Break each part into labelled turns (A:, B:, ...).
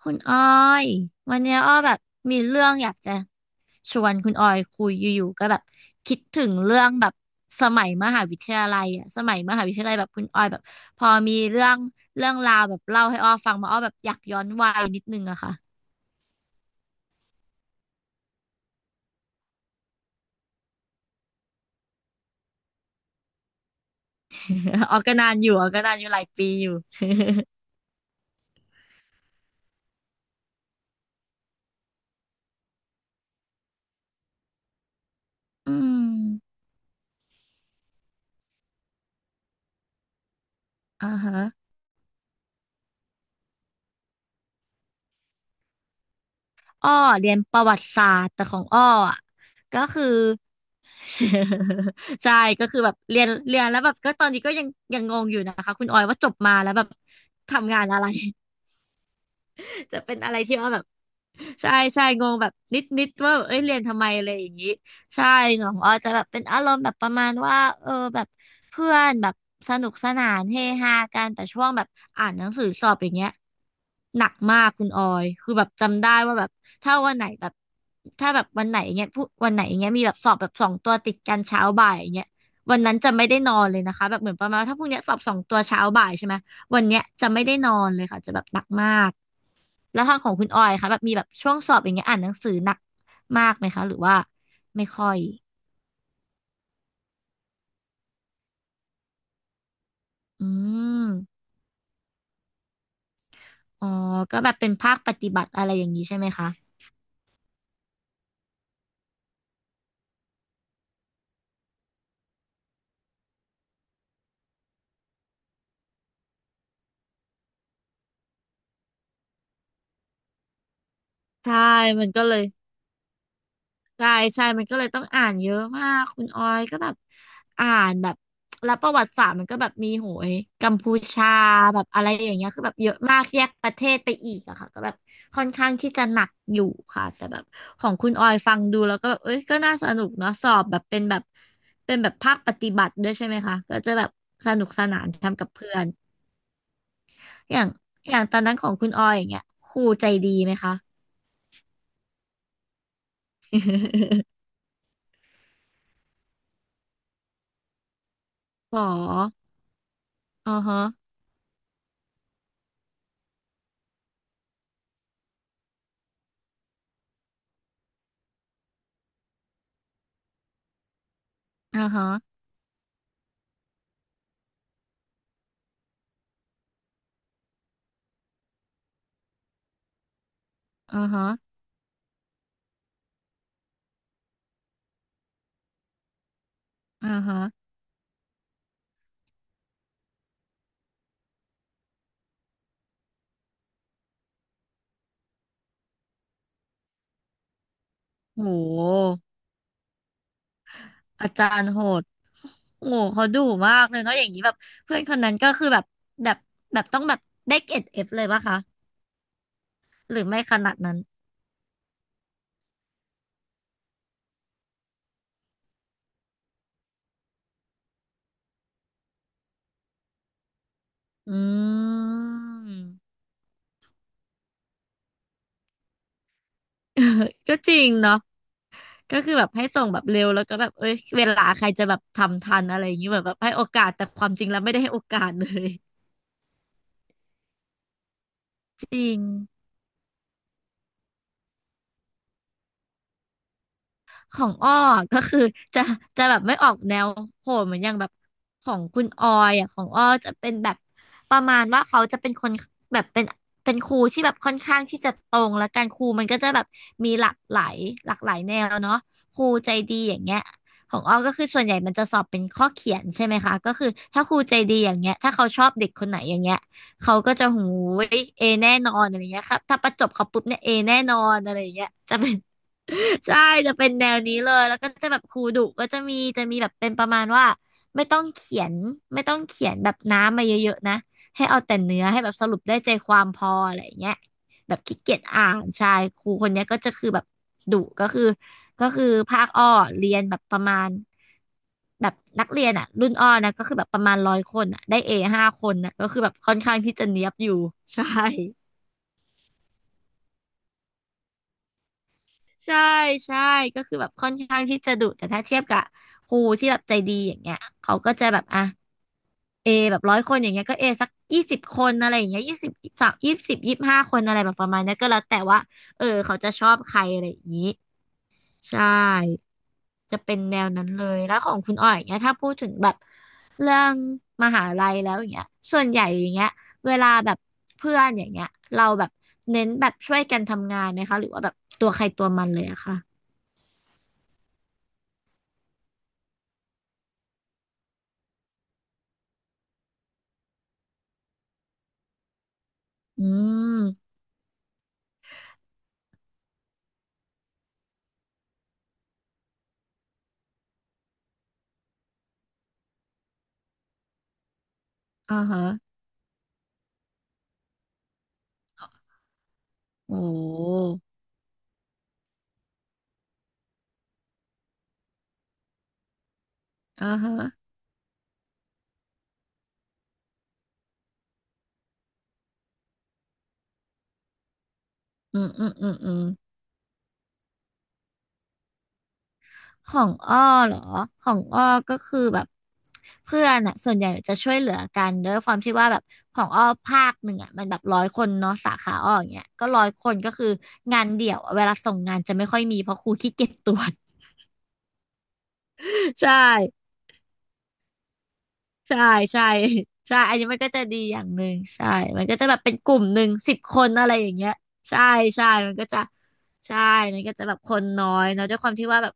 A: คุณออยวันเนี้ยอ้อแบบมีเรื่องอยากจะชวนคุณออยคุยอยู่ๆก็แบบคิดถึงเรื่องแบบสมัยมหาวิทยาลัยอะสมัยมหาวิทยาลัยแบบคุณออยแบบพอมีเรื่องเรื่องราวแบบเล่าให้อ้อฟังมาอ้อแบบอยากย้อนวัยนิดนึงอะค่ะ อ้อก็นานอยู่อ้อก็นานอยู่หลายปีอยู่ อืมอ่าฮะอ้อเรียนประวัติศาสตร์แต่ของอ้ออะก็คือ ใช่ก็คือแบบเรียนแล้วแบบก็ตอนนี้ก็ยังงงอยู่นะคะคุณออยว่าจบมาแล้วแบบทำงานอะไร จะเป็นอะไรที่ว่าแบบใช่ใช่งงแบบนิดว่าเอ้ยเรียนทำไมอะไรอย่างนี้ใช่ของออจะแบบเป็นอารมณ์แบบประมาณว่าแบบเพื่อนแบบสนุกสนานเฮฮากันแต่ช่วงแบบอ่านหนังสือสอบอย่างเงี้ยหนักมากคุณออยคือแบบจำได้ว่าแบบถ้าวันไหนแบบถ้าแบบวันไหนเงี้ยวันไหนเงี้ยมีแบบสอบแบบสองตัวติดกันเช้าบ่ายอย่างเงี้ยวันนั้นจะไม่ได้นอนเลยนะคะแบบเหมือนประมาณว่าถ้าพรุ่งเนี้ยสอบสองตัวเช้าบ่ายใช่ไหมวันเนี้ยจะไม่ได้นอนเลยค่ะจะแบบหนักมาก แล้วทางของคุณออยคะแบบมีแบบช่วงสอบอย่างเงี้ยอ่านหนังสือหนักมากไหมคะหรือว่าไม่ค่อยอืมอ๋อ ก็แบบเป็นภาคปฏิบัติอะไรอย่างนี้ใช่ไหมคะใช่มันก็เลย ใช่ใช่มันก็เลยต้องอ่านเยอะมากคุณออยก็แบบอ่านแบบแล้วประวัติศาสตร์มันก็แบบมีโหยกัมพูชาแบบอะไรอย่างเงี้ยคือแบบเยอะมากแยกประเทศไปอีกอะค่ะก็แบบค่อนข้างที่จะหนักอยู่ค่ะ แต่แบบของคุณออยฟังดูแล้วก็แบบเอ้ยก็น่าสนุกเนาะสอบแบบเป็นแบบภาคปฏิบัติด้วยใช่ไหมคะ ก็จะแบบสนุกสนานทำกับเพื่อนอย่างอย่างตอนนั้นของคุณออยอย่างเงี้ยครูใจดีไหมคะ หรออ่าฮะอ่าฮะอ่าฮะ อ่าฮะ โหอาจารย์โหดโหเขาดุมากเลยเนาะอย่างนี้แบบเพื่อนคนนั้นก็คือแบบแบบต้องแบบได้เกรดเอฟเลยปะคะหรือไม่ขนาดนั้นอืม เออก็จริงเนาะก็คือแบบให้ส่งแบบเร็วแล้วก็แบบเอ้ยเวลาใครจะแบบทำทันอะไรอย่างนี้แบบให้โอกาสแต่ความจริงแล้วไม่ได้ให้โอกาสเลย จริง ของอ้อก็คือจะจะแบบไม่ออกแนวโหดเหมือนอย่างแบบของคุณออยอ่ะของอ้อจะเป็นแบบประมาณว่าเขาจะเป็นคนแบบเป็นครูที่แบบค่อนข้างที่จะตรงและการครูมันก็จะแบบมีหลากหลายแนวเนาะครูใจดีอย่างเงี้ยของอ้อก็คือส่วนใหญ่มันจะสอบเป็นข้อเขียนใช่ไหมคะก็คือถ้าครูใจดีอย่างเงี้ยถ้าเขาชอบเด็กคนไหนอย่างเงี้ยเขาก็จะยเอแน่นอนอะไรเงี้ยครับถ้าประจบเขาปุ๊บเนี่ยเอแน่นอนอะไรอย่างเงี้ยจะเป็น ใช่จะเป็นแนวนี้เลยแล้วก็จะแบบครูดุก็จะมีแบบเป็นประมาณว่าไม่ต้องเขียนไม่ต้องเขียนแบบน้ำมาเยอะๆนะให้เอาแต่เนื้อให้แบบสรุปได้ใจความพออะไรอย่างเงี้ยแบบขี้เกียจอ่านใช่ครูคนเนี้ยก็จะคือแบบดุก็คือภาคอ้อเรียนแบบประมาณแบบนักเรียนอ่ะรุ่นอ้อนะก็คือแบบประมาณร้อยคนอ่ะได้เอห้าคนอ่ะก็คือแบบค่อนข้างที่จะเนี๊ยบอยู่ ใช่ ใช่ใช่ก็คือแบบค่อนข้างที่จะดุแต่ถ้าเทียบกับครูที่แบบใจดีอย่างเงี้ยเขาก็จะแบบอ่ะเอแบบร้อยคนอย่างเงี้ยก็เอสัก20 คนอะไรอย่างเงี้ยยี่สิบสามยี่สิบ25 คนอะไรแบบประมาณเนี้ยก็แล้วแต่ว่าเออเขาจะชอบใครอะไรอย่างงี้ใช่จะเป็นแนวนั้นเลยแล้วของคุณอ้อยอย่างเงี้ยถ้าพูดถึงแบบเรื่องมหาลัยแล้วอย่างเงี้ยส่วนใหญ่อย่างเงี้ยเวลาแบบเพื่อนอย่างเงี้ยเราแบบเน้นแบบช่วยกันทำงานไหมคะหรือว่าแบบตัวใครตัวมันเลยอะคะ อืมอ่าฮะโอ้อ่าฮะอืม อืม อืม อืม ของอ้อเหรอ ของอ้อก็คือแบบเพื่อนอะส่วนใหญ่จะช่วยเหลือกันด้วยความที่ว่าแบบของอ้อภาคหนึ่งอะมันแบบร้อยคนเนาะสาขาอ้ออย่างเงี้ยก็ร้อยคนก็คืองานเดี่ยวอะเวลาส่งงานจะไม่ค่อยมีเพราะครูขี้เกียจตรวจ ใช่ ใช่ใช่ ใช่อันนี้มันก็จะดีอย่างหนึ่งใช่มันก็จะแบบเป็นกลุ่มหนึ่งสิบคนอะไรอย่างเงี้ยใช่ใช่มันก็จะใช่มันก็จะแบบคนน้อยเนาะด้วยความที่ว่าแบบ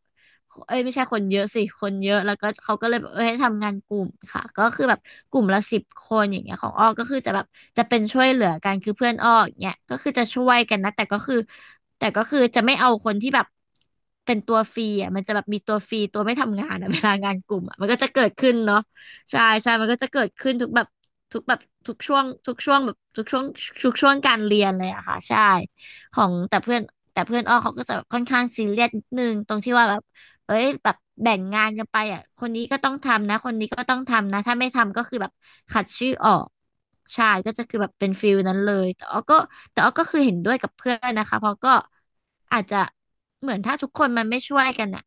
A: เอ้ยไม่ใช่คนเยอะสิคนเยอะแล้วก็เขาก็เลยแบบเอ้ยให้ทำงานกลุ่มค่ะก็คือแบบกลุ่มละสิบคนอย่างเงี้ยของอ้อก็คือจะแบบจะเป็นช่วยเหลือกันคือเพื่อนอ้ออย่างเงี้ยก็คือจะช่วยกันนะแต่ก็คือจะไม่เอาคนที่แบบเป็นตัวฟรีอ่ะมันจะแบบมีตัวฟรีตัวไม่ทำงานอ่ะ เวลางานกลุ่มอ่ะมันก็จะเกิดขึ้นเนาะ ใช่ใช่มันก็จะเกิดขึ้นทุกแบบทุกช่วงทุกช่วงการเรียนเลยอะค่ะใช่ของแต่เพื่อนแต่เพื่อนอ้อเขาก็จะแบบค่อนข้างซีเรียสนิดนึงตรงที่ว่าแบบเอ้ยแบบแบ่งงานกันไปอ่ะคนนี้ก็ต้องทำนะคนนี้ก็ต้องทำนะถ้าไม่ทำก็คือแบบขัดชื่อออกใช่ก็จะคือแบบเป็นฟิลนั้นเลยแต่อ้อก็คือเห็นด้วยกับเพื่อนนะคะเพราะก็อาจจะเหมือนถ้าทุกคนมันไม่ช่วยกันอ่ะ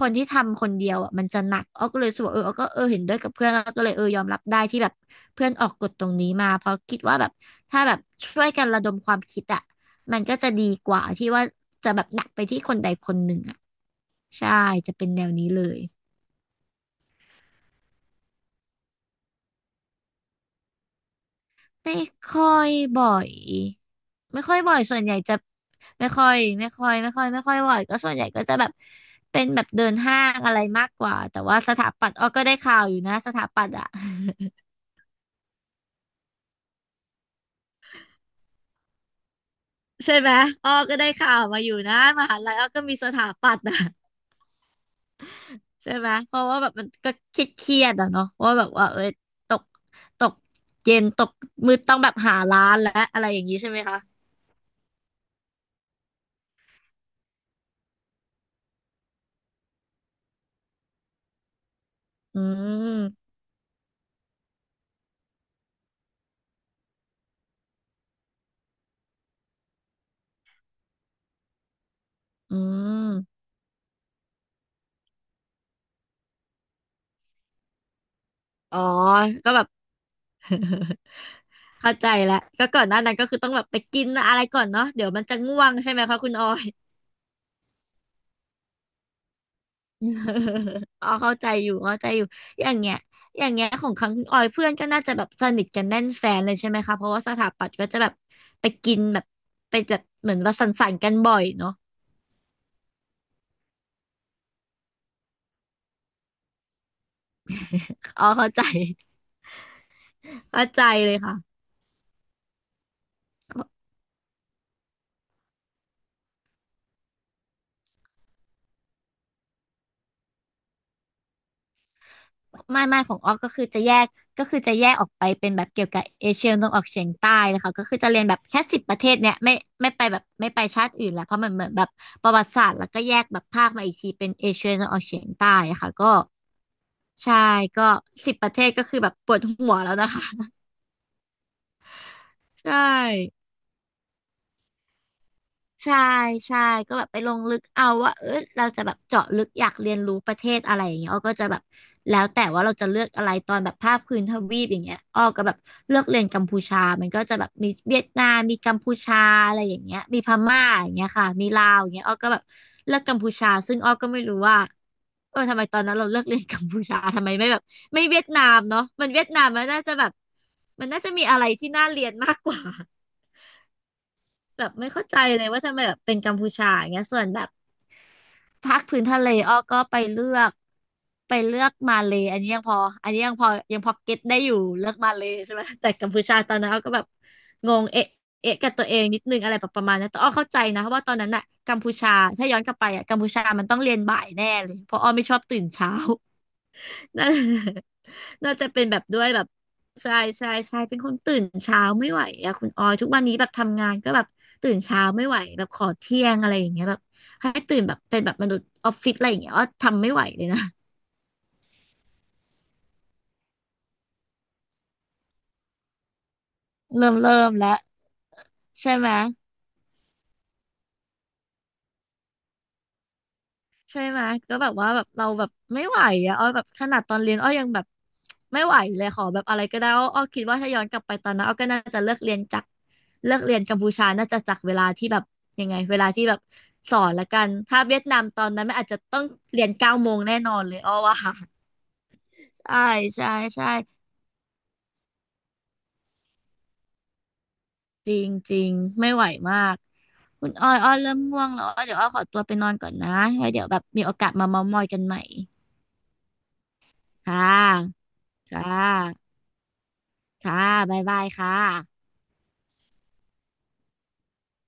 A: คนที่ทำคนเดียวอ่ะมันจะหนักอ้อก็เลยรู้สกวาเอออ้อก็เออเห็นด้วยกับเพื่อนอ้อก็เลยเออยอมรับได้ที่แบบเพื่อนออกกฎตรงนี้มาเพราะคิดว่าแบบถ้าแบบช่วยกันระดมความคิดอ่ะมันก็จะดีกว่าที่ว่าจะแบบหนักไปที่คนใดคนหนึ่งอ่ะใช่จะเป็นแนวนี้เลยไม่ค่อยบ่อยไม่ค่อยบ่อยส่วนใหญ่จะไม่ค่อยบ่อยก็ส่วนใหญ่ก็จะแบบเป็นแบบเดินห้างอะไรมากกว่าแต่ว่าสถาปัตย์อ้อก็ได้ข่าวอยู่นะสถาปัตย์อ่ะ ใช่ไหมอ้อก็ได้ข่าวมาอยู่นะมหาลัยอ้อก็มีสถาปัตย์นะใช่ไหมเพราะว่าแบบมันก็คิดเครียดๆอะเนาะว่าแบบว่าเอ้ยตกตกเย็นตกมืดต้องแบบหาร้านและอะไรอย่างนี้ใช่ไหมคะอืมอืมอ๋อ ก็แบบ เข้าใจแล้วก็ก่อนหน้านั้นก็คือต้องแบบไปกินอะไรก่อนเนาะเดี๋ยวมันจะง่วงใช่ไหมคะคุณออย อ๋อเข้าใจอยู่เข้าใจอยู่อย่างเงี้ยอย่างเงี้ยของครั้งออยเพื่อนก็น่าจะแบบสนิทกันแน่นแฟนเลยใช่ไหมคะเพราะว่าสถาปัตย์ก็จะแบบไปกินแบบไปแบบเหมือนเราสังสรรค์กันบ่อยเนาะอ๋อเข้าใจเข้าใจเลยค่ะ ไม่ของออกก็คือจะแยกก็คือจะแยกออกไปเป็นแบบเกี่ยวกับเอเชียตะวันออกเฉียงใต้เลยค่ะก็คือจะเรียนแบบแค่สิบประเทศเนี่ยไม่ไปแบบไม่ไปชาติอื่นละเพราะมันเหมือนแบบประวัติศาสตร์แล้วก็แยกแบบภาคมาอีกทีเป็นเอเชียตะวันออกเฉียงใต้อะค่ะก็ใช่ก็สิบประเทศก็คือแบบปวดหัวแล้วนะคะ ใช่ ใช่ใช่ก็แบบไปลงลึกเอาว่าเออเราจะแบบเจาะลึกอยากเรียนรู้ประเทศอะไรอย่างเงี้ยอ้อก็จะแบบแล้วแต่ว่าเราจะเลือกอะไรตอนแบบภาคพื้นทวีปอย่างเงี้ยอ้อก็แบบเลือกเรียนกัมพูชามันก็จะแบบมีเวียดนามมีกัมพูชาอะไรอย่างเงี้ยมีพม่าอย่างเงี้ยค่ะมีลาวอย่างเงี้ยอ้อก็แบบเลือกกัมพูชาซึ่งอ้อก็ไม่รู้ว่าเออทำไมตอนนั้นเราเลือกเรียนกัมพูชา ทำไมไม่แบบไม่เวียดนามเนาะมันเวียดนามมันน่าจะแบบมันน่าจะมีอะไรที่น่าเรียนมากกว่า แบบไม่เข้าใจเลยว่าทำไมแบบเป็นกัมพูชาอย่างเงี้ยส่วนแบบภาคพื้นทะเลอ้อก็ไปเลือกมาเลย์อันนี้ยังพออันนี้ยังพอยังพอเก็ตได้อยู่เลือกมาเลย์ใช่ไหมแต่กัมพูชาตอนนั้นอ้อก็แบบงงเอ๊ะกับตัวเองนิดนึงอะไรแบบประมาณนั้นแต่อ้อเข้าใจนะเพราะว่าตอนนั้นอะกัมพูชาถ้าย้อนกลับไปอะกัมพูชามันต้องเรียนบ่ายแน่เลยเพราะอ้อไม่ชอบตื่นเช้า น่า น่าจะเป็นแบบด้วยแบบใช่ใช่ใช่เป็นคนตื่นเช้าไม่ไหวอะคุณออยทุกวันนี้แบบทำงานก็แบบตื่นเช้าไม่ไหวแบบขอเที่ยงอะไรอย่างเงี้ยแบบให้ตื่นแบบเป็นแบบมนุษย์ออฟฟิศอะไรอย่างเงี้ยอ้อทำไม่ไหวเลยนะเริ่มแล้วใช่ไหม ใช่ไหมก็แบบว่าแบบเราแบบไม่ไหวอะอ้อแบบขนาดตอนเรียนอ้อยังแบบไม่ไหวเลยขอแบบอะไรก็ได้อ้ออ้อคิดว่าถ้าย้อนกลับไปตอนนั้นอ้อก็น่าจะเลิกเรียนจากเลิกเรียนกัมพูชาน่าจะจากเวลาที่แบบยังไงเวลาที่แบบสอนละกันถ้าเวียดนามตอนนั้นไม่อาจจะต้องเรียน9 โมงแน่นอนเลยอ้อว่าใช่ใช่ใช่จริงจริงไม่ไหวมากคุณอ้อยอ้อเริ่มง่วงแล้วอ้อเดี๋ยวอ้อขอตัวไปนอนก่อนนะไว้เดี๋ยวแบบมีโอกาสมาเม้าท์มอยกันใหม่ค่ะค่ะ ค่ะบ๊ายบายค่ะ